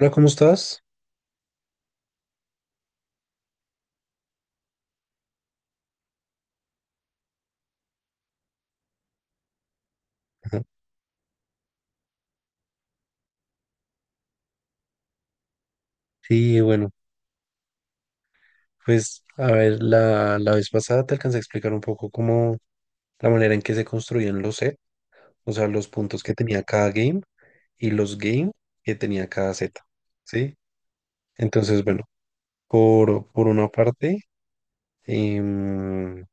Hola, ¿cómo estás? Ajá. Sí, bueno, pues a ver, la vez pasada te alcancé a explicar un poco cómo la manera en que se construían los set, o sea, los puntos que tenía cada game y los game que tenía cada set, ¿sí? Entonces, bueno, por una parte, o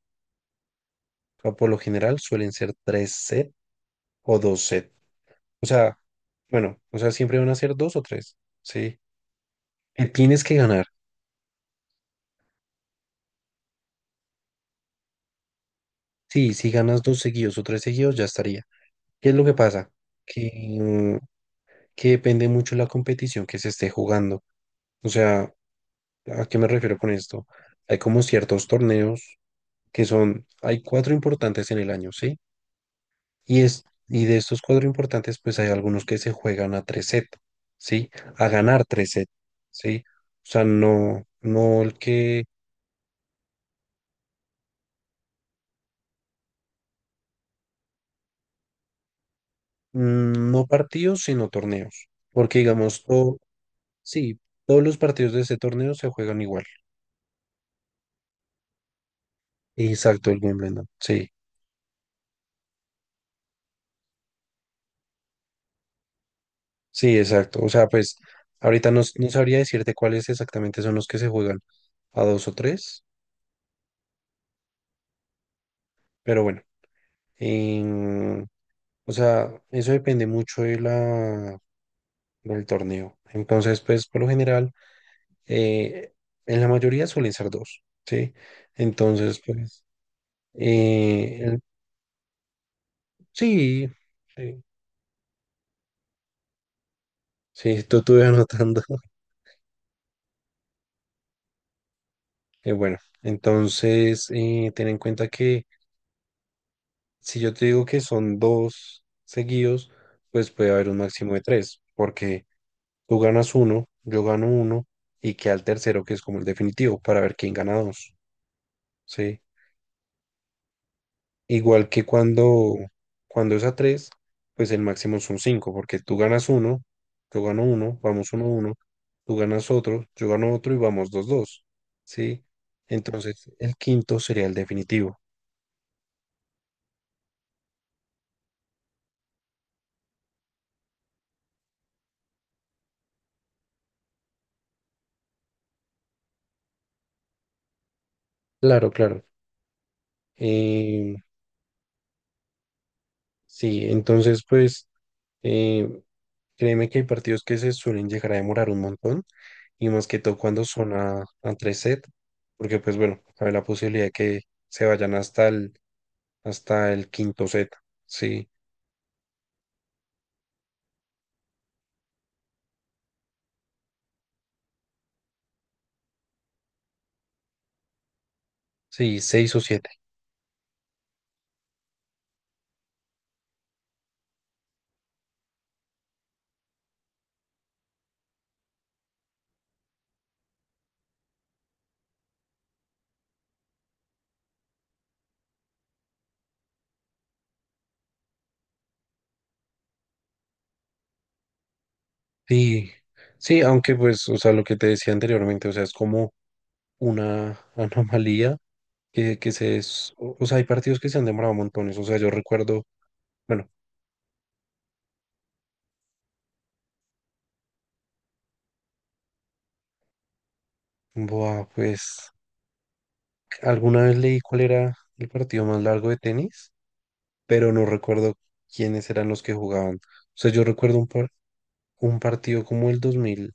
sea, por lo general suelen ser tres set o dos set, o sea, bueno, o sea, siempre van a ser dos o tres, ¿sí? Que tienes que ganar, sí, si ganas dos seguidos o tres seguidos ya estaría. ¿Qué es lo que pasa? Que, que depende mucho la competición que se esté jugando. O sea, ¿a qué me refiero con esto? Hay como ciertos torneos que son, hay cuatro importantes en el año, ¿sí? Y de estos cuatro importantes, pues hay algunos que se juegan a tres set, ¿sí? A ganar tres set, ¿sí? O sea, no, no el que, no partidos, sino torneos. Porque digamos, todo, sí, todos los partidos de ese torneo se juegan igual. Exacto, el Wimbledon, sí. Sí, exacto. O sea, pues ahorita no, no sabría decirte cuáles exactamente son los que se juegan a dos o tres, pero bueno, em, o sea, eso depende mucho de la, del torneo. Entonces, pues por lo general, eh, en la mayoría suelen ser dos, ¿sí? Entonces, pues, eh, el- sí, sí, sí, tú estuve anotando. Bueno, entonces, ten en cuenta que... Si yo te digo que son dos seguidos, pues puede haber un máximo de tres, porque tú ganas uno, yo gano uno, y queda el tercero, que es como el definitivo, para ver quién gana dos, ¿sí? Igual que cuando, cuando es a tres, pues el máximo son cinco, porque tú ganas uno, yo gano uno, vamos uno, uno, tú ganas otro, yo gano otro y vamos dos, dos, ¿sí? Entonces, el quinto sería el definitivo. Claro, claro. Eh, sí, entonces, pues... eh, Créeme que hay partidos que se suelen llegar a demorar un montón y más que todo cuando son a tres set, porque pues bueno, hay la posibilidad de que se vayan hasta el quinto set, sí, sí, seis o siete, sí, sí, aunque pues, o sea, lo que te decía anteriormente, o sea, es como una anomalía que se, o sea, hay partidos que se han demorado montones, o sea, yo recuerdo, bueno, buah, pues alguna vez leí cuál era el partido más largo de tenis pero no recuerdo quiénes eran los que jugaban. O sea, yo recuerdo un partido como el dos mil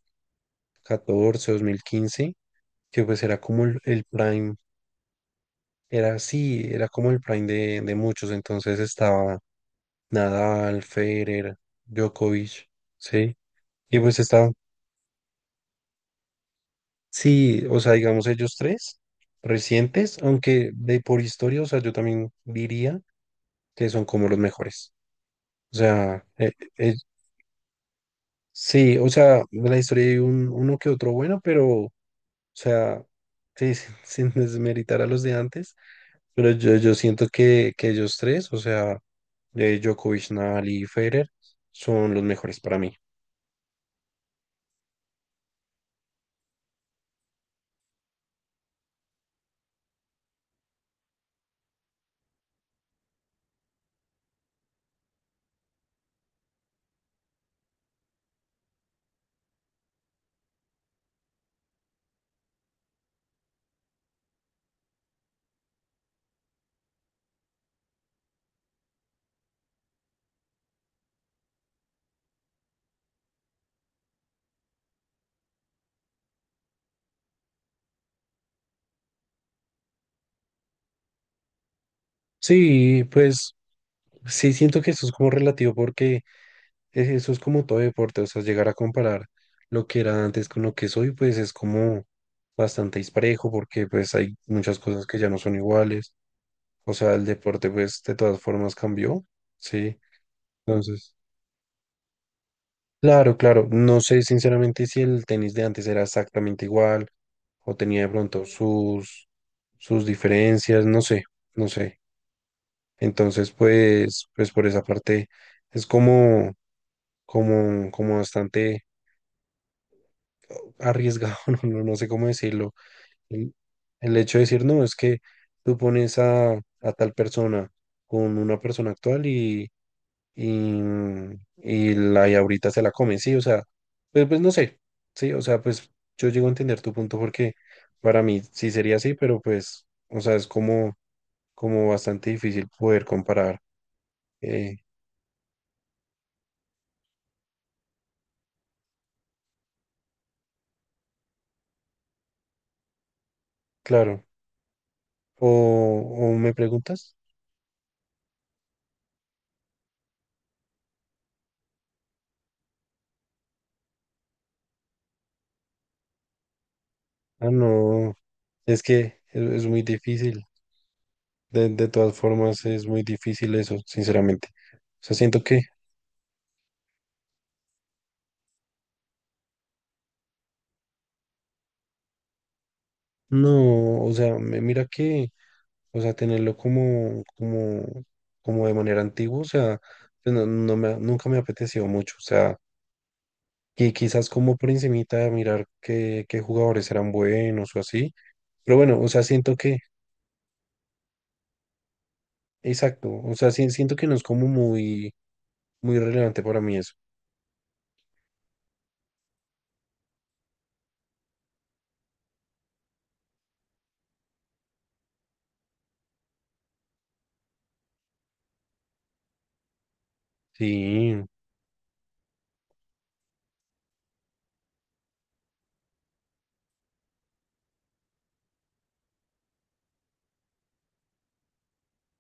catorce, 2015, que pues era como el prime, era sí, era como el prime de muchos, entonces estaba Nadal, Federer, Djokovic, ¿sí? Y pues estaban, sí, o sea, digamos ellos tres recientes, aunque de por historia, o sea, yo también diría que son como los mejores. O sea, e- Sí, o sea, de la historia hay uno que otro bueno, pero, o sea, sí, sin desmeritar a los de antes, pero yo siento que ellos tres, o sea, Djokovic, Nadal y Federer, son los mejores para mí. Sí, pues sí, siento que eso es como relativo porque eso es como todo deporte, o sea, llegar a comparar lo que era antes con lo que soy, pues es como bastante disparejo porque pues hay muchas cosas que ya no son iguales. O sea, el deporte, pues, de todas formas cambió, sí. Entonces, claro, claro, no sé sinceramente si el tenis de antes era exactamente igual o tenía de pronto sus diferencias, no sé, no sé. Entonces, pues, pues por esa parte es como, como bastante arriesgado, no, no sé cómo decirlo. El, el hecho de decir, no, es que tú pones a tal persona con una persona actual y, y la y ahorita se la comen, sí, o sea, pues, pues no sé, sí, o sea, pues yo llego a entender tu punto porque para mí sí sería así, pero pues, o sea, es como, como bastante difícil poder comparar, eh, claro, o, o me preguntas, ah, no, es que es muy difícil, de todas formas es muy difícil eso, sinceramente, o sea, siento que, no, o sea, mira que... O sea, tenerlo como, como de manera antigua, o sea, pues no, no me, nunca me ha apetecido mucho. O sea, que quizás como por encimita de mirar qué jugadores eran buenos o así. Pero bueno, o sea, siento que, exacto, o sea, siento que no es como muy, muy relevante para mí eso. Sí,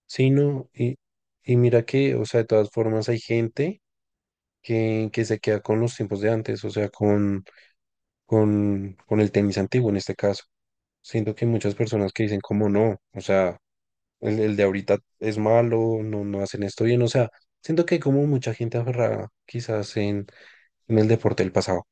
sí, no. Y mira que, o sea, de todas formas hay gente que se queda con los tiempos de antes, o sea, con, con el tenis antiguo en este caso. Siento que hay muchas personas que dicen como no, o sea, el de ahorita es malo, no, no hacen esto bien, o sea, siento que hay como mucha gente aferrada quizás en, el deporte del pasado.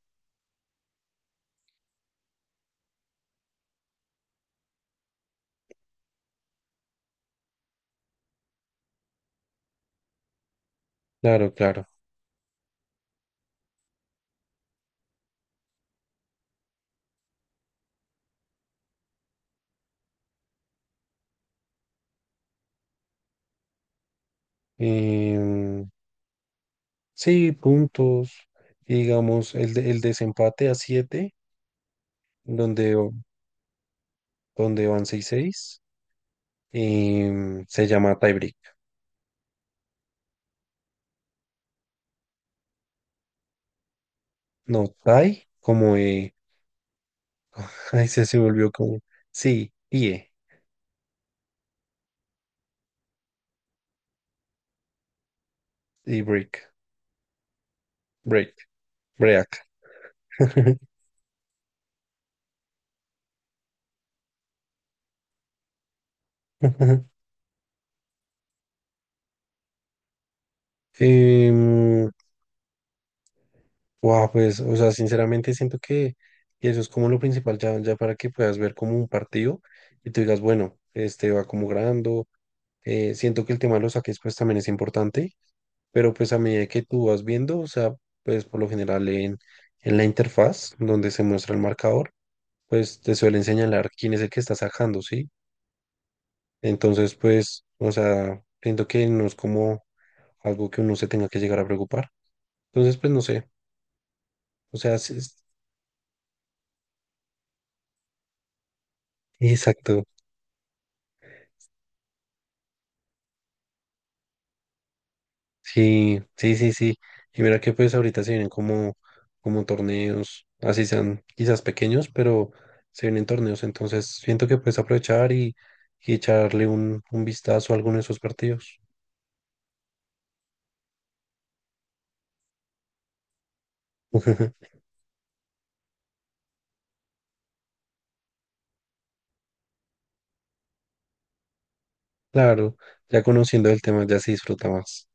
Claro, claro. Em, sí, puntos, y digamos, el desempate a siete donde, donde van 6-6, se llama tiebreak. No, tie, como, ay, se volvió como, sí, tie, y break, break, break. Em, guau, pues, o sea, sinceramente siento que eso es como lo principal, ya para que puedas ver como un partido y tú digas, bueno, este va como grabando. Siento que el tema de los saques, pues también es importante, pero pues a medida que tú vas viendo, o sea, pues por lo general en, la interfaz donde se muestra el marcador, pues te suelen señalar quién es el que está sacando, ¿sí? Entonces, pues, o sea, siento que no es como algo que uno se tenga que llegar a preocupar. Entonces, pues no sé. O sea, sí, exacto, sí, sí, sí, sí. Y mira que pues ahorita se vienen como, torneos, así sean quizás pequeños, pero se vienen torneos, entonces siento que puedes aprovechar y, echarle un vistazo a alguno de esos partidos. Claro, ya conociendo el tema ya se disfruta más.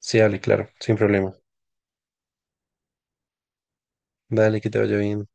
Sí, dale, claro, sin problema. Dale, que te vaya bien.